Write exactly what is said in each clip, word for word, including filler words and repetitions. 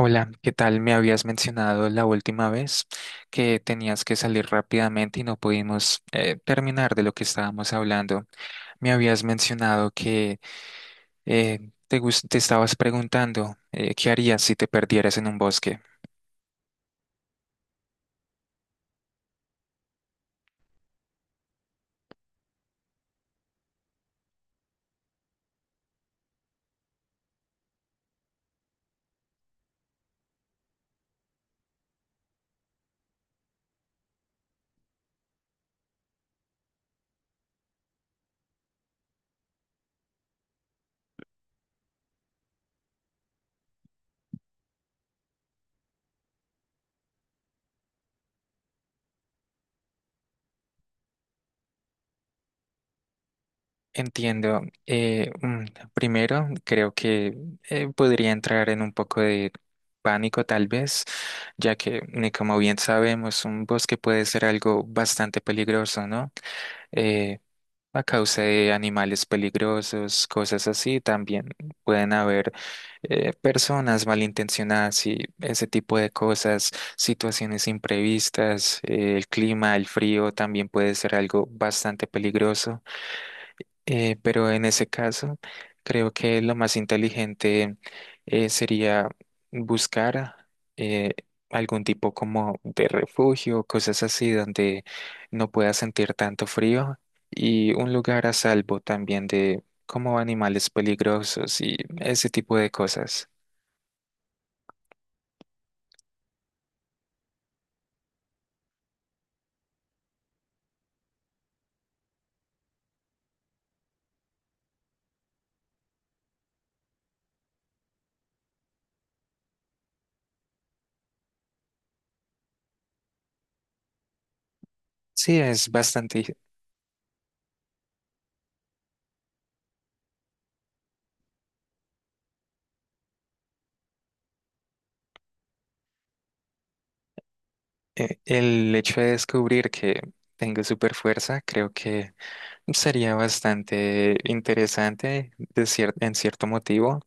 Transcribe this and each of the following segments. Hola, ¿qué tal? Me habías mencionado la última vez que tenías que salir rápidamente y no pudimos eh, terminar de lo que estábamos hablando. Me habías mencionado que eh, te, gus- te estabas preguntando eh, qué harías si te perdieras en un bosque. Entiendo. eh, mm, Primero, creo que eh, podría entrar en un poco de pánico tal vez, ya que, eh, como bien sabemos, un bosque puede ser algo bastante peligroso, ¿no? Eh, a causa de animales peligrosos, cosas así. También pueden haber eh, personas malintencionadas y ese tipo de cosas, situaciones imprevistas. Eh, el clima, el frío también puede ser algo bastante peligroso. Eh, pero en ese caso, creo que lo más inteligente eh, sería buscar eh, algún tipo como de refugio, cosas así, donde no pueda sentir tanto frío y un lugar a salvo también de como animales peligrosos y ese tipo de cosas. Sí, es bastante eh, el hecho de descubrir que tengo super fuerza, creo que sería bastante interesante de cier- en cierto motivo.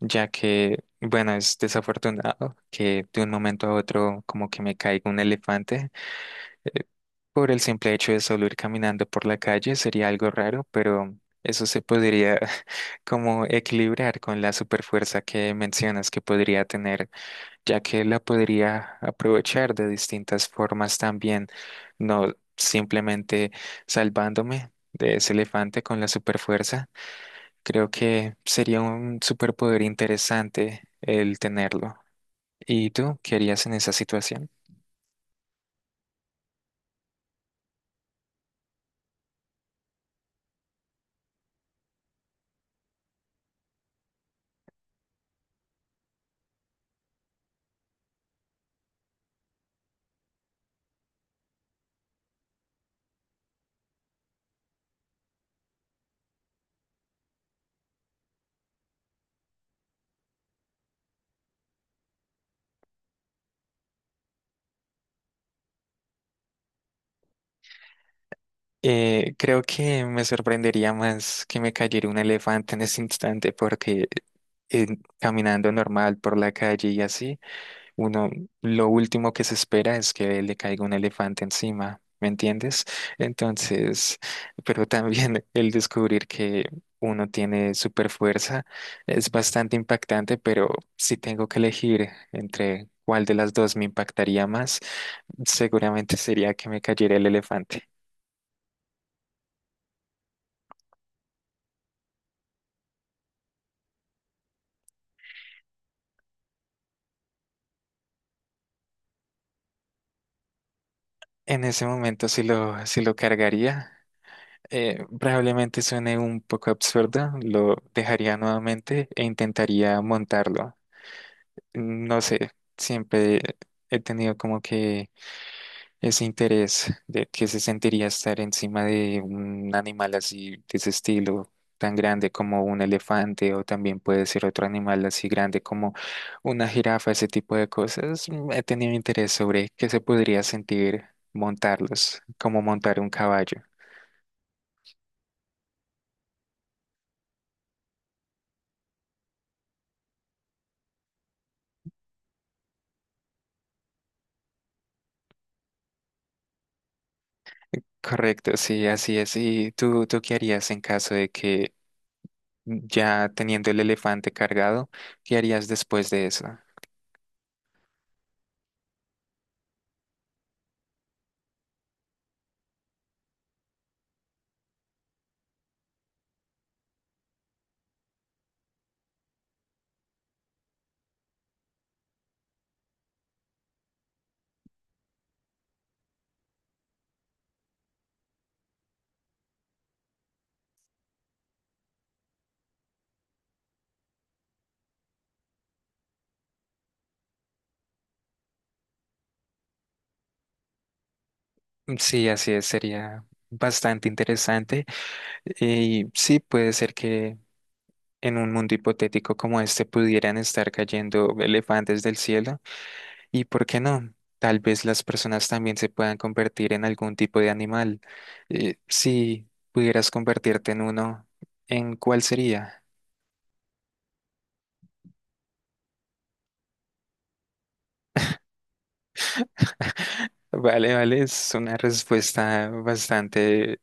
Ya que, bueno, es desafortunado que de un momento a otro como que me caiga un elefante. eh, Por el simple hecho de solo ir caminando por la calle sería algo raro, pero eso se podría como equilibrar con la superfuerza que mencionas que podría tener, ya que la podría aprovechar de distintas formas también, no simplemente salvándome de ese elefante con la superfuerza. Creo que sería un superpoder interesante el tenerlo. ¿Y tú qué harías en esa situación? Eh, creo que me sorprendería más que me cayera un elefante en ese instante porque eh, caminando normal por la calle y así. Uno, lo último que se espera es que le caiga un elefante encima, ¿me entiendes? Entonces, pero también el descubrir que uno tiene super fuerza es bastante impactante, pero si tengo que elegir entre cuál de las dos me impactaría más, seguramente sería que me cayera el elefante. En ese momento, si lo, si lo cargaría, eh, probablemente suene un poco absurdo, lo dejaría nuevamente e intentaría montarlo. mm, No sé, siempre he tenido como que ese interés de que se sentiría estar encima de un animal así, de ese estilo, tan grande como un elefante o también puede ser otro animal así grande como una jirafa, ese tipo de cosas. Mm, He tenido interés sobre qué se podría sentir montarlos, como montar un caballo. Correcto, sí, así es. ¿Y tú, tú qué harías en caso de que ya teniendo el elefante cargado, qué harías después de eso? Mm, sí, así es, sería bastante interesante. Y sí, puede ser que en un mundo hipotético como este pudieran estar cayendo elefantes del cielo. ¿Y por qué no? Tal vez las personas también se puedan convertir en algún tipo de animal. Eh, si pudieras convertirte en uno, ¿en cuál sería? Vale, vale, es una respuesta bastante,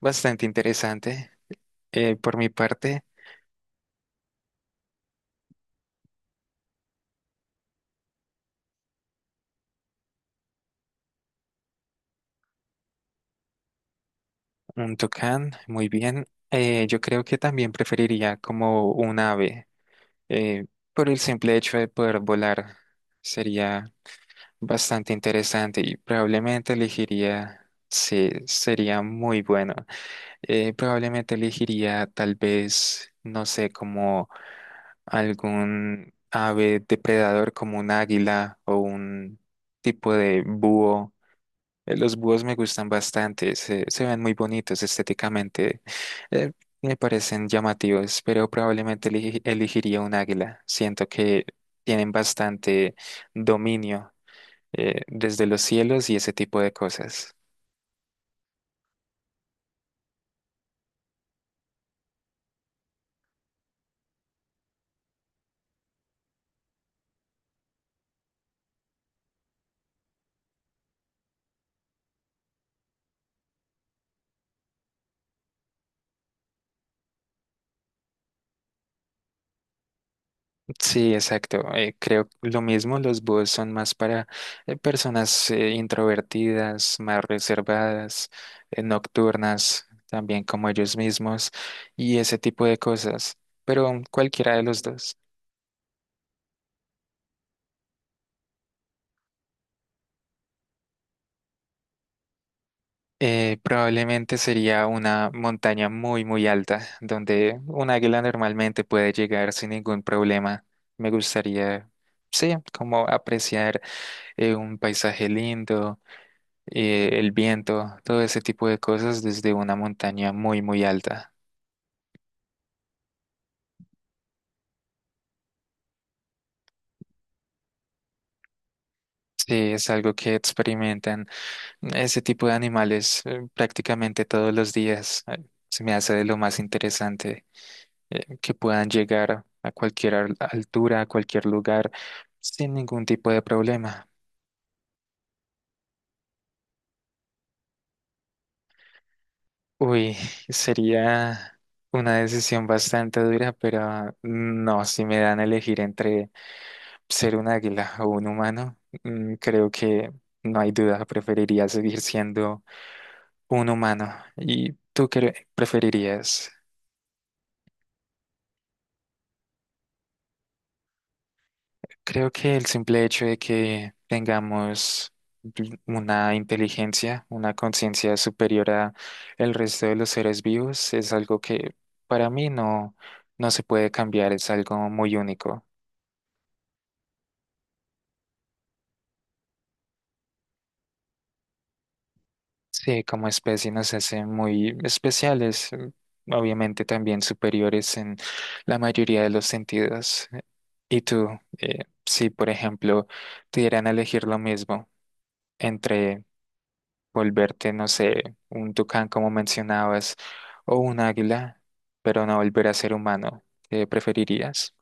bastante interesante eh, por mi parte. Un tucán, muy bien. Eh, yo creo que también preferiría como un ave, eh, por el simple hecho de poder volar. Sería bastante interesante y probablemente elegiría, sí, sería muy bueno. Eh, probablemente elegiría tal vez, no sé, como algún ave depredador como un águila o un tipo de búho. Eh, Los búhos me gustan bastante, se, se ven muy bonitos estéticamente, eh, me parecen llamativos, pero probablemente eligi- elegiría un águila. Siento que tienen bastante dominio eh, desde los cielos y ese tipo de cosas. Sí, exacto. Eh, creo lo mismo, los búhos son más para eh, personas eh, introvertidas, más reservadas, eh, nocturnas, también como ellos mismos y ese tipo de cosas, pero cualquiera de los dos. Eh, probablemente sería una montaña muy, muy alta, donde un águila normalmente puede llegar sin ningún problema. Me gustaría, sí, como apreciar eh, un paisaje lindo, eh, el viento, todo ese tipo de cosas desde una montaña muy, muy alta. Sí, es algo que experimentan ese tipo de animales eh, prácticamente todos los días. Eh, Se me hace de lo más interesante. Eh, que puedan llegar a cualquier al- altura, a cualquier lugar, sin ningún tipo de problema. Uy, sería una decisión bastante dura, pero no, si me dan a elegir entre ser un águila o un humano, mm, creo que no hay duda, preferiría seguir siendo un humano. ¿Y tú qué preferirías? Creo que el simple hecho de que tengamos una inteligencia, una conciencia superior a el resto de los seres vivos es algo que para mí no, no se puede cambiar, es algo muy único. Sí, como especie nos hace muy especiales, eh, obviamente también superiores en la mayoría de los sentidos. ¿Y tú, eh, si por ejemplo te dieran a elegir lo mismo entre volverte, no sé, un tucán como mencionabas, o un águila, pero no volver a ser humano? ¿Qué preferirías?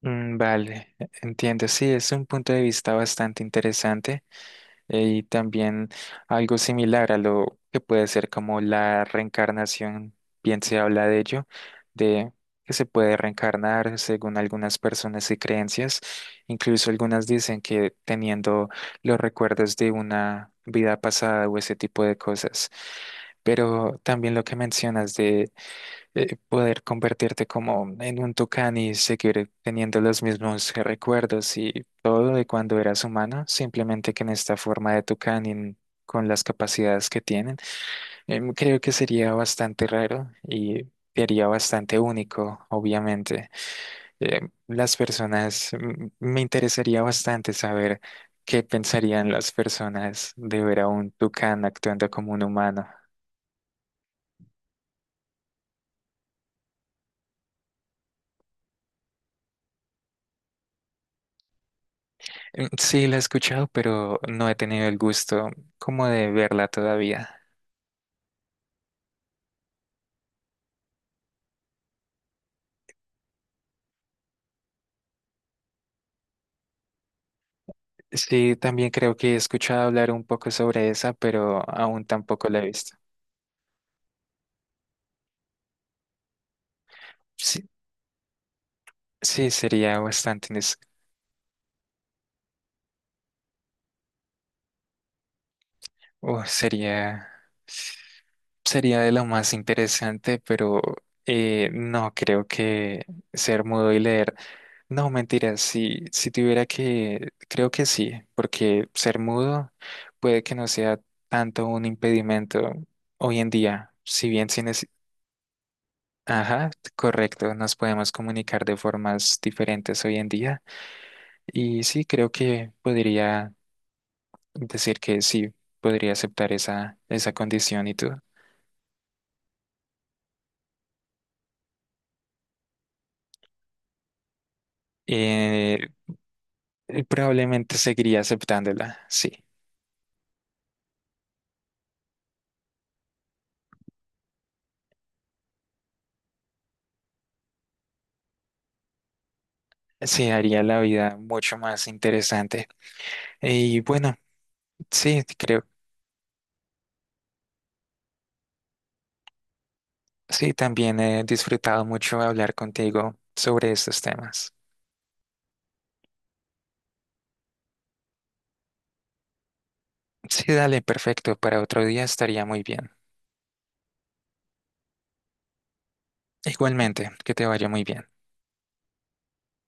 Mm, vale, entiendo. Sí, es un punto de vista bastante interesante. Eh, Y también algo similar a lo que puede ser como la reencarnación, bien se habla de ello, de que se puede reencarnar según algunas personas y creencias. Incluso algunas dicen que teniendo los recuerdos de una vida pasada o ese tipo de cosas. Pero también lo que mencionas de eh, poder convertirte como en un tucán y seguir teniendo los mismos recuerdos y todo de cuando eras humano, simplemente que en esta forma de tucán y en- con las capacidades que tienen, em, creo que sería bastante raro y te haría bastante único, obviamente. Em, las personas, mm, me interesaría bastante saber qué pensarían las personas de ver a un tucán actuando como un humano. Mm, sí, la he escuchado, pero no he tenido el gusto como de verla todavía. Sí, también creo que he escuchado hablar un poco sobre esa, pero aún tampoco la he visto. Sí, sí, sería bastante, ines- oh, sería, sería de lo más interesante, pero eh, no creo que ser mudo y leer. No, mentira, si, si tuviera que, creo que sí, porque ser mudo puede que no sea tanto un impedimento hoy en día, si bien sin es, ajá, correcto, nos podemos comunicar de formas diferentes hoy en día y sí, creo que podría decir que sí, podría aceptar esa, esa condición y tú. Eh, eh, Probablemente seguiría aceptándola, sí, sí, haría la vida mucho más interesante. Y bueno. Sí, creo. Sí, también he disfrutado mucho hablar contigo sobre estos temas. Sí, dale, perfecto. Para otro día estaría muy bien. Igualmente, que te vaya muy bien.